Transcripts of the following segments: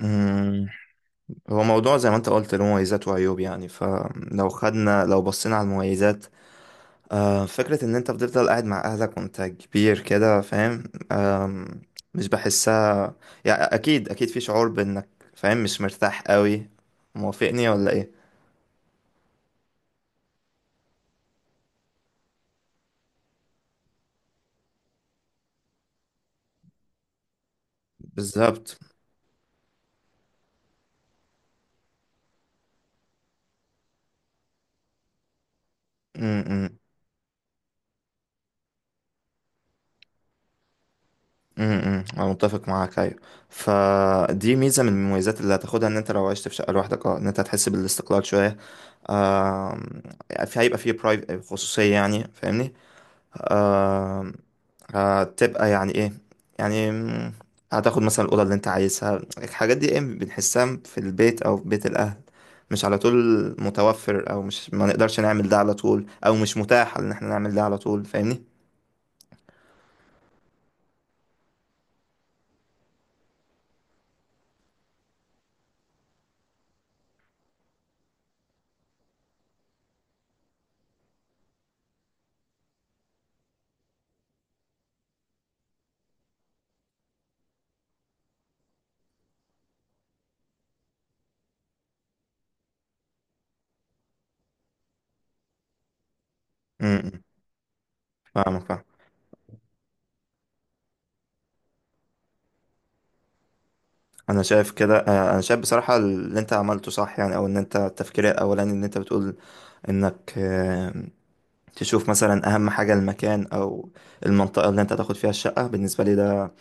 مم. هو موضوع زي ما انت قلت له مميزات وعيوب، يعني فلو خدنا لو بصينا على المميزات. فكرة ان انت بتفضل قاعد مع اهلك وانت كبير كده، فاهم؟ آم، مش بحسها. يعني اكيد اكيد في شعور بانك فاهم، مش مرتاح قوي. موافقني ولا ايه؟ بالظبط. مم، مم. انا متفق معاك، ايوه. فدي ميزه من المميزات اللي هتاخدها، ان انت لو عشت في شقه لوحدك اه ان انت هتحس بالاستقلال شويه. آم، هيبقى فيه برايف، خصوصيه، يعني فاهمني؟ آم، هتبقى يعني ايه، يعني هتاخد مثلا الاوضه اللي انت عايزها. الحاجات دي ايه بنحسها في البيت او في بيت الاهل مش على طول متوفر، او مش ما نقدرش نعمل ده على طول، او مش متاح ان احنا نعمل ده على طول، فاهمني؟ امم امم. فاهمك فاهمك. انا شايف كده انا شايف بصراحة اللي انت عملته صح، يعني او ان انت التفكير الاولاني ان انت بتقول انك تشوف مثلا اهم حاجة المكان او المنطقة اللي انت تاخد فيها الشقة. بالنسبة لي ده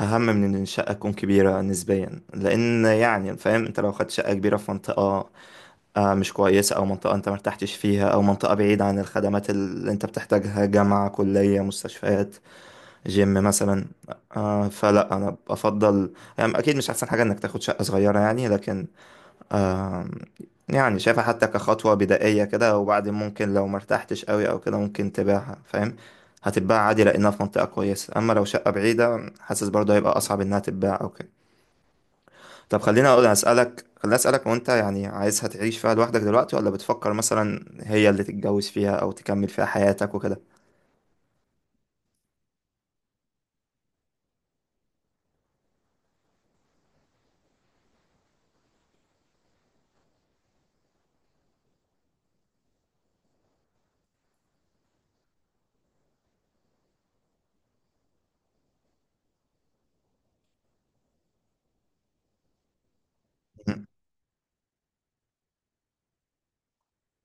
اهم من ان الشقة تكون كبيرة نسبيا، لان يعني فاهم، انت لو خدت شقة كبيرة في منطقة مش كويسة، او منطقة انت مرتحتش فيها، او منطقة بعيدة عن الخدمات اللي انت بتحتاجها، جامعة، كلية، مستشفيات، جيم مثلا. آه فلا انا افضل يعني اكيد مش احسن حاجه انك تاخد شقه صغيره يعني، لكن آه يعني شايفها حتى كخطوه بدائيه كده، وبعدين ممكن لو مرتحتش قوي او كده ممكن تبيعها، فاهم؟ هتتباع عادي لانها في منطقه كويسه، اما لو شقه بعيده حاسس برضه هيبقى اصعب انها تتباع او كده. طب خليني اقول اسالك، وانت يعني عايزها تعيش فيها لوحدك دلوقتي، ولا بتفكر مثلا هي اللي تتجوز فيها او تكمل فيها حياتك وكده؟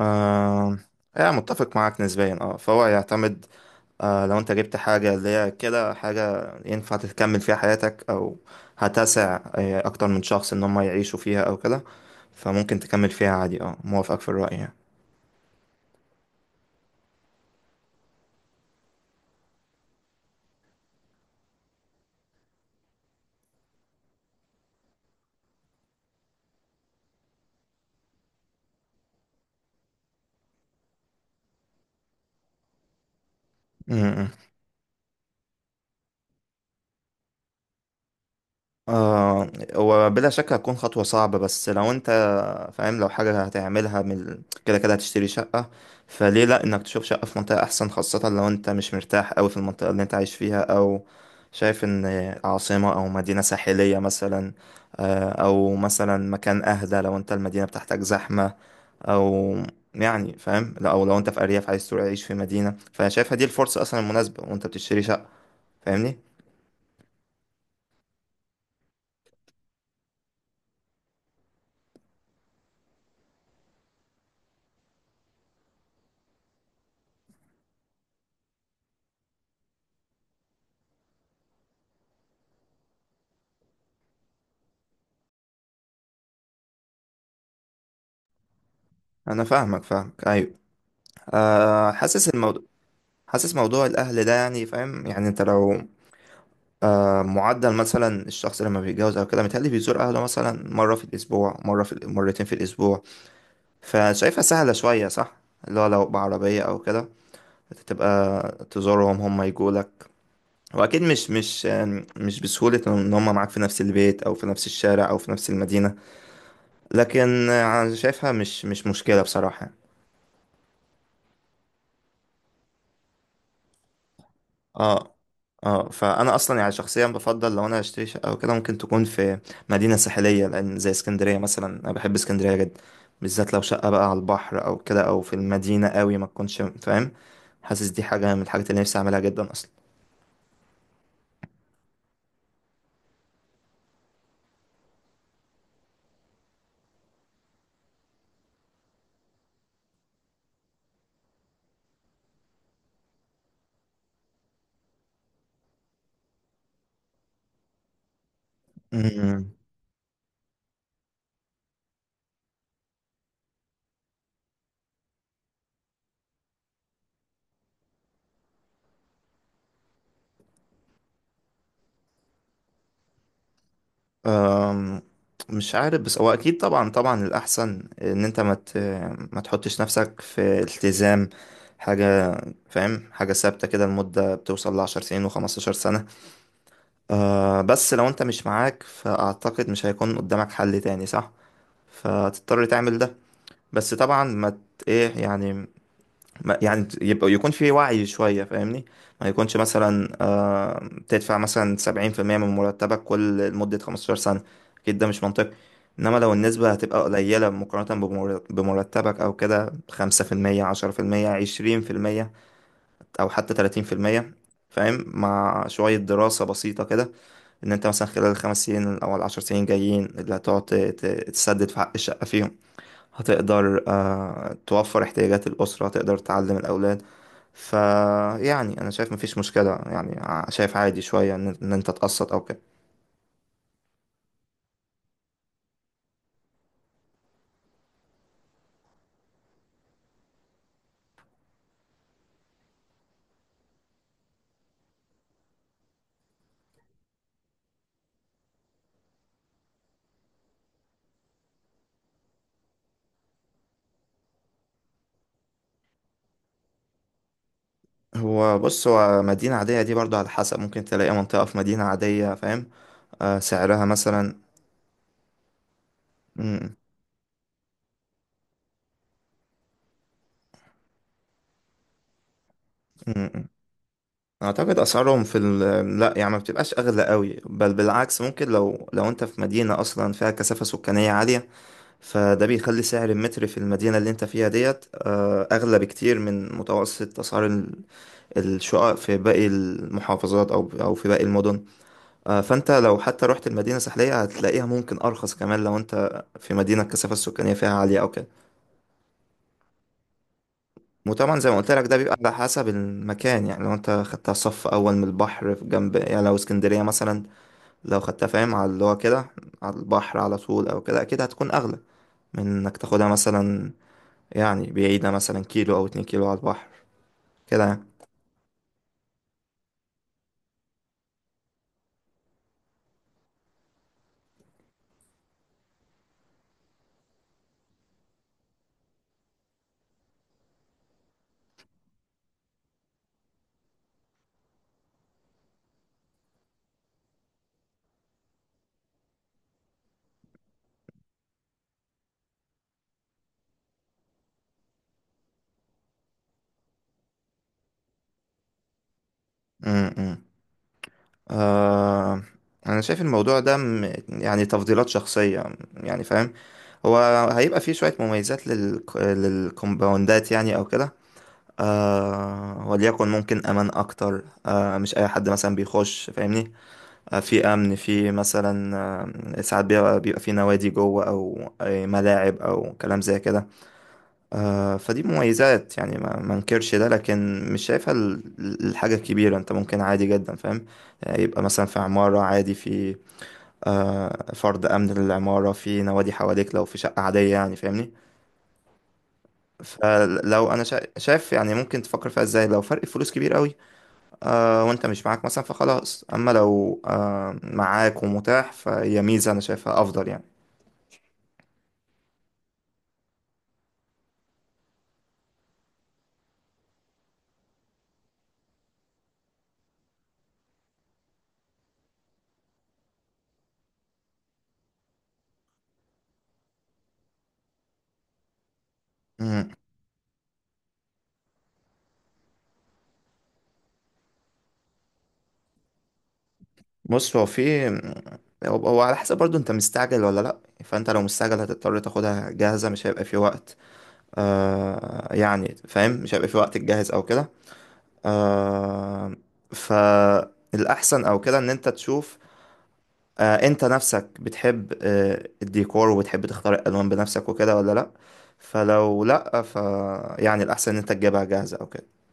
آه يعني متفق معاك نسبيا اه، فهو يعتمد. آه لو انت جبت حاجة اللي هي كده حاجة ينفع تكمل فيها حياتك، او هتسع اكتر من شخص ان هم يعيشوا فيها او كده، فممكن تكمل فيها عادي اه، موافقك في الرأي يعني. م- م. آه وبلا شك هتكون خطوة صعبة، بس لو انت فاهم، لو حاجة هتعملها كده كده هتشتري شقة، فليه لأ إنك تشوف شقة في منطقة أحسن، خاصة لو أنت مش مرتاح أوي في المنطقة اللي أنت عايش فيها، أو شايف إن عاصمة أو مدينة ساحلية مثلا، أو مثلا مكان أهدى لو أنت المدينة بتاعتك زحمة، أو يعني فاهم لأ، أو لو أنت في أرياف عايز تروح تعيش في مدينة، فأنا شايفها دي الفرصة أصلا المناسبة، وأنت بتشتري شقة. فاهمني؟ أنا فاهمك فاهمك، أيوه. أه حاسس الموضوع، حاسس موضوع الأهل ده. يعني فاهم، يعني أنت لو معدل مثلا الشخص لما بيتجوز او كده متهيألي بيزور اهله مثلا مره في الاسبوع، مره في مرتين في الاسبوع، فشايفها سهله شويه صح؟ اللي هو لو بعربيه او كده تبقى تزورهم، هم يجوا لك. واكيد مش يعني مش بسهوله ان هم معاك في نفس البيت، او في نفس الشارع، او في نفس المدينه، لكن انا شايفها مش مشكله بصراحه. اه اه، فانا اصلا يعني شخصيا بفضل لو انا هشتري شقه او كده ممكن تكون في مدينه ساحليه، لان زي اسكندريه مثلا، انا بحب اسكندريه جدا. بالذات لو شقه بقى على البحر او كده، او في المدينه قوي ما تكونش فاهم. حاسس دي حاجه من الحاجات اللي نفسي اعملها جدا اصلا. امم. أم، مش عارف، بس هو اكيد طبعا طبعا الاحسن ان انت ما تحطش نفسك في التزام حاجه، فاهم، حاجه ثابته كده لمده بتوصل لعشر سنين وخمستاشر سنه. آه بس لو انت مش معاك فاعتقد مش هيكون قدامك حل تاني صح، فتضطر تعمل ده. بس طبعا ما ت- ايه يعني، ما يعني يبقى يكون في وعي شوية، فاهمني؟ ما يكونش مثلا آه تدفع مثلا سبعين في المية من مرتبك كل لمدة خمستاشر سنة، أكيد ده مش منطقي. إنما لو النسبة هتبقى قليلة مقارنة بمرتبك أو كده، خمسة في المية، عشرة في المية، عشرين في المية، أو حتى تلاتين في المية، فاهم، مع شوية دراسة بسيطة كده ان انت مثلا خلال الخمس سنين او العشر سنين جايين اللي هتقعد تسدد في حق الشقة فيهم، هتقدر توفر احتياجات الأسرة، هتقدر تعلم الأولاد. فيعني أنا شايف مفيش مشكلة يعني، شايف عادي شوية إن أنت تقسط أو كده. هو بص، هو مدينة عادية دي برضو على حسب، ممكن تلاقي منطقة في مدينة عادية فاهم سعرها مثلا مم، مم. أعتقد أسعارهم لا يعني ما بتبقاش أغلى قوي، بل بالعكس ممكن لو أنت في مدينة أصلا فيها كثافة سكانية عالية، فده بيخلي سعر المتر في المدينة اللي انت فيها ديت أغلى بكتير من متوسط أسعار الشقق في باقي المحافظات، أو أو في باقي المدن. آه، فانت لو حتى رحت المدينة الساحلية هتلاقيها ممكن أرخص كمان لو انت في مدينة الكثافة السكانية فيها عالية أو كده. وطبعا زي ما قلت لك ده بيبقى على حسب المكان، يعني لو انت خدتها صف أول من البحر في جنب، يعني لو اسكندرية مثلا، لو خدتها فاهم على اللي هو كده على البحر على طول أو كده، أكيد هتكون أغلى من إنك تاخدها مثلا يعني بعيدة مثلا كيلو أو اتنين كيلو على البحر كده يعني. م- م. آه أنا شايف الموضوع ده يعني تفضيلات شخصية، يعني فاهم. هو هيبقى فيه شوية مميزات للكومباوندات يعني أو كده. آه، وليكن ممكن أمان أكتر، آه مش أي حد مثلا بيخش، فاهمني؟ آه، في أمن، في مثلا آه ساعات بيبقى, بيبقى في نوادي جوه، أو ملاعب أو كلام زي كده. فدي مميزات يعني ما انكرش ده، لكن مش شايفها الحاجة الكبيرة. انت ممكن عادي جدا فاهم، يعني يبقى مثلا في عمارة عادي في فرض أمن للعمارة، في نوادي حواليك لو في شقة عادية، يعني فاهمني؟ فلو أنا شايف يعني ممكن تفكر فيها ازاي لو فرق الفلوس كبير قوي وانت مش معاك مثلا، فخلاص. أما لو معاك ومتاح، فهي ميزة أنا شايفها أفضل يعني. بص، هو هو على حسب برضو انت مستعجل ولا لا. فانت لو مستعجل هتضطر تاخدها جاهزة، مش هيبقى في وقت يعني فاهم، مش هيبقى في وقت تجهز او كده. آه فالأحسن او كده ان انت تشوف آه انت نفسك بتحب آه الديكور، وبتحب تختار الألوان بنفسك وكده ولا لا. فلو لا ف يعني الأحسن ان انت تجيبها جاهزة او كده.